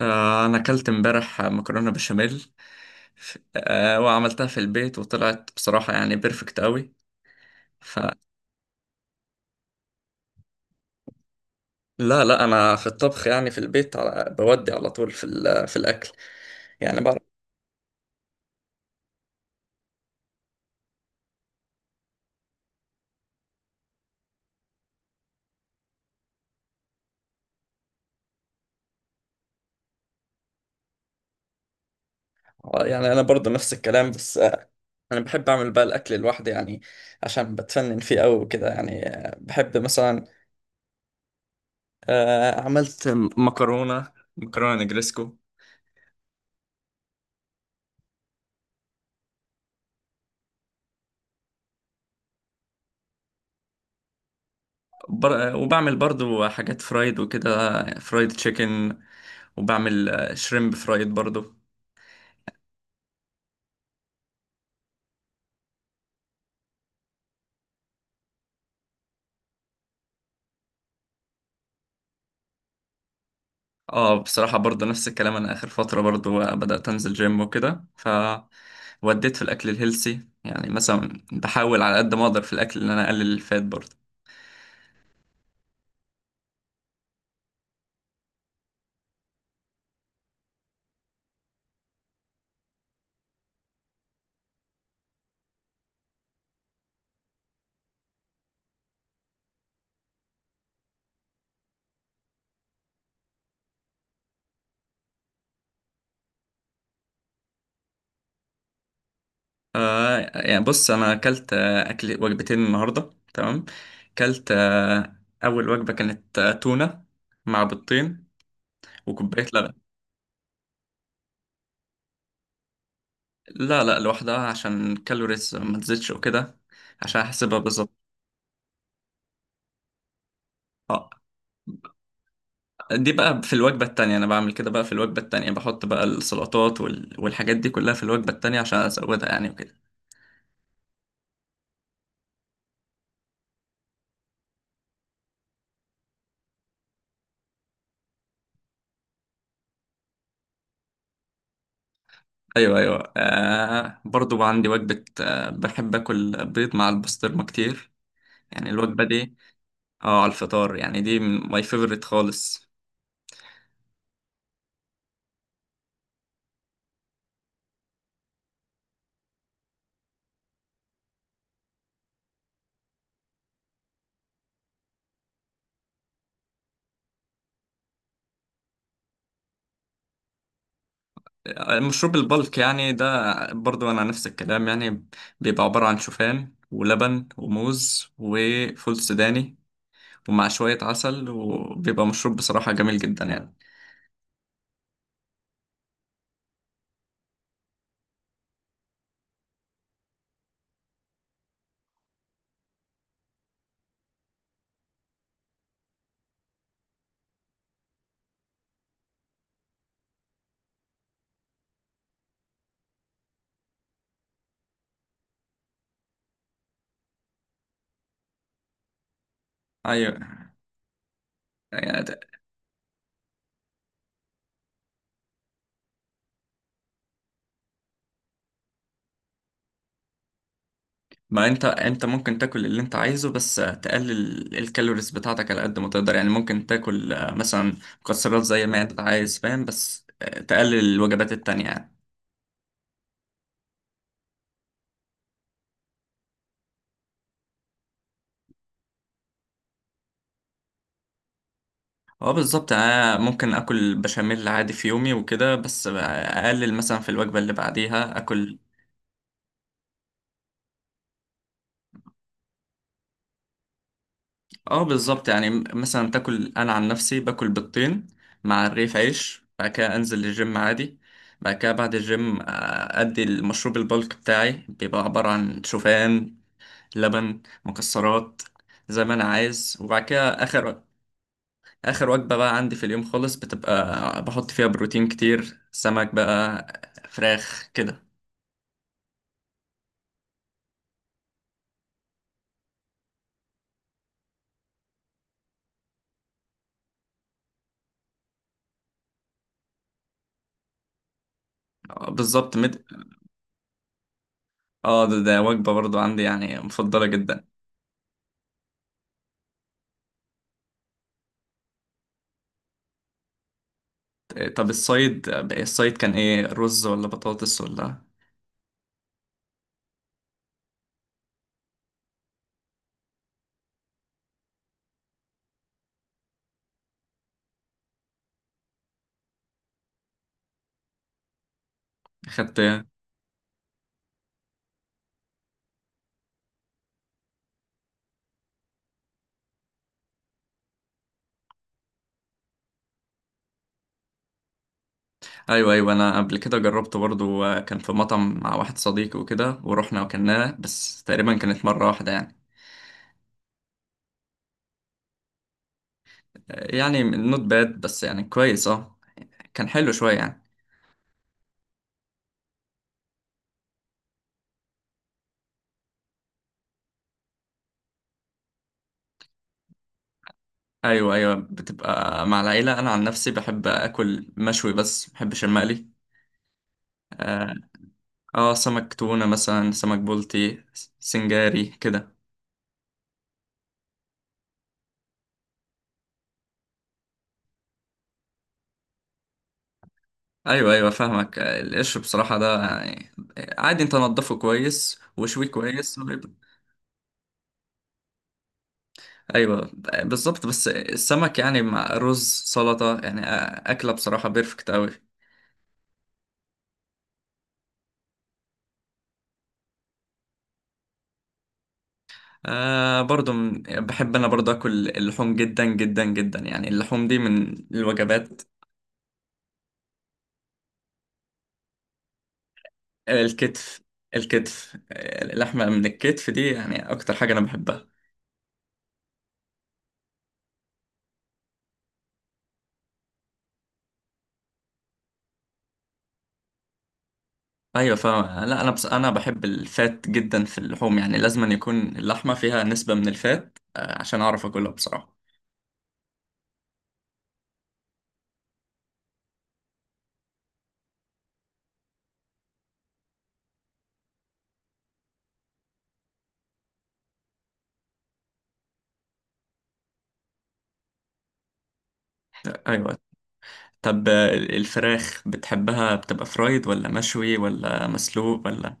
أنا أكلت امبارح مكرونة بشاميل. وعملتها في البيت وطلعت بصراحة يعني بيرفكت أوي. فلا لا لا، أنا في الطبخ يعني في البيت على بودي على طول في الأكل، يعني بعرف. يعني أنا برضو نفس الكلام، بس أنا بحب أعمل بقى الأكل لوحدي يعني، عشان بتفنن فيه أوي وكده. يعني بحب مثلا. عملت مكرونة مكرونة نجريسكو. وبعمل برضو حاجات فرايد وكده، فرايد تشيكن، وبعمل شريمب فرايد برضو. اه بصراحة برضو نفس الكلام، انا اخر فترة برضو بدأت انزل جيم وكده، ف وديت في الاكل الهيلسي. يعني مثلا بحاول على قد ما اقدر في الاكل ان انا اقلل الفات برضو. آه يعني بص، انا اكلت اكل وجبتين النهارده، تمام. اكلت اول وجبة كانت تونة مع بيضتين وكوباية لبن. لا لا لوحدها، عشان الكالوريز ما تزيدش وكده، عشان احسبها بالظبط. آه، دي بقى في الوجبة التانية. أنا بعمل كده بقى في الوجبة التانية، بحط بقى السلطات والحاجات دي كلها في الوجبة التانية عشان أزودها يعني وكده. أيوه أيوه، برضو عندي وجبة بحب أكل بيض مع البسطرمة كتير، يعني الوجبة دي. اه على الفطار، يعني دي ماي فيفورت خالص. مشروب البلك يعني، ده برضو أنا نفس الكلام يعني. بيبقى عبارة عن شوفان ولبن وموز وفول سوداني ومع شوية عسل، وبيبقى مشروب بصراحة جميل جدا يعني. أيوه. آه، ما انت ممكن تاكل اللي انت عايزه، بس تقلل الكالوريز بتاعتك على قد ما تقدر يعني. ممكن تاكل مثلا مكسرات زي ما انت عايز، فاهم؟ بس تقلل الوجبات التانية يعني. اه بالظبط. ممكن اكل بشاميل عادي في يومي وكده، بس اقلل مثلا في الوجبة اللي بعديها اكل. اه بالظبط يعني، مثلا تاكل. انا عن نفسي باكل بيضتين مع رغيف عيش، بعد كده انزل الجيم عادي، بعد كده بعد الجيم ادي المشروب البلك بتاعي، بيبقى عبارة عن شوفان، لبن، مكسرات زي ما انا عايز. وبعد كده اخر وجبة بقى عندي في اليوم خالص، بتبقى بحط فيها بروتين كتير، سمك بقى، فراخ كده. بالظبط. اه ده وجبة برضو عندي يعني مفضلة جدا. طب الصيد كان ايه، رز ولا بطاطس ولا؟ خدت إيه؟ ايوه ايوه، انا قبل كده جربت برضو. كان في مطعم مع واحد صديقي وكده، ورحنا وكلناه، بس تقريبا كانت مرة واحدة يعني. يعني نوت باد، بس يعني كويس اه، كان حلو شوية يعني. أيوة أيوة، بتبقى مع العيلة. أنا عن نفسي بحب أكل مشوي، بس بحبش المقلي. آه, سمك تونة مثلا، سمك بولتي، سنجاري كده. أيوة أيوة فاهمك. القش بصراحة ده يعني عادي، أنت نضفه كويس وشويه كويس أيوة بالظبط. بس السمك يعني مع رز سلطة يعني أكلة بصراحة بيرفكت أوي. برضو بحب انا برضو اكل اللحوم جدا جدا جدا، يعني اللحوم دي من الوجبات. الكتف. الكتف، اللحمة من الكتف دي يعني أكتر حاجة أنا بحبها. أيوة فاهم. لا أنا، بس أنا بحب الفات جدا في اللحوم، يعني لازم أن يكون اللحمة فيها نسبة من الفات عشان أعرف أكلها بصراحة. أيوة. طب الفراخ بتحبها بتبقى فرايد ولا مشوي ولا مسلوق ولا؟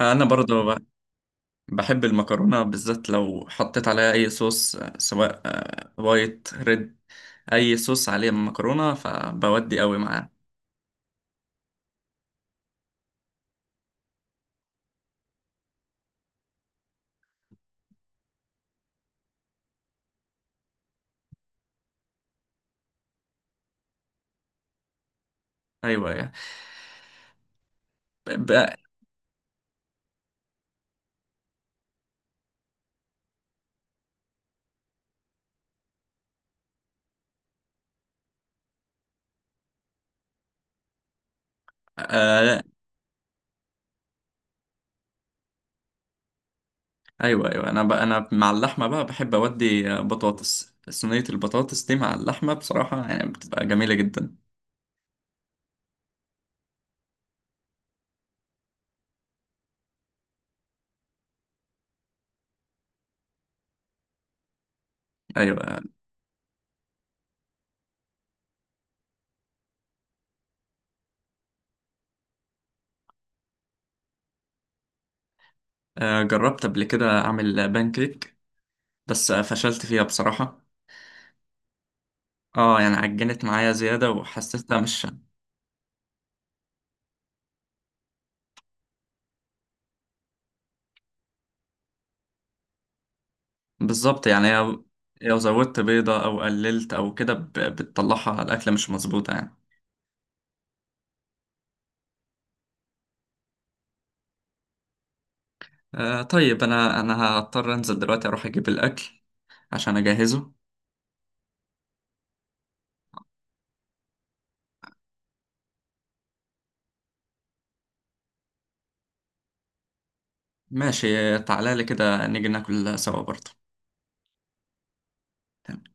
أنا برضو بحب المكرونة، بالذات لو حطيت عليها أي صوص سواء وايت، ريد، أي صوص عليه مكرونة فبودي قوي معاه. أيوة. لا. ايوه ايوه، انا مع اللحمه بقى بحب اودي بطاطس صينيه. البطاطس دي مع اللحمه بصراحه يعني بتبقى جميله جدا. ايوه. جربت قبل كده اعمل بانكيك، بس فشلت فيها بصراحه. اه يعني عجنت معايا زياده وحسيتها مش بالظبط يعني. لو زودت بيضه او قللت او كده بتطلعها على الاكله مش مظبوطه يعني. طيب انا هضطر انزل دلوقتي اروح اجيب الاكل عشان اجهزه. ماشي تعالى لي كده، نيجي ناكل سوا برضه. تمام.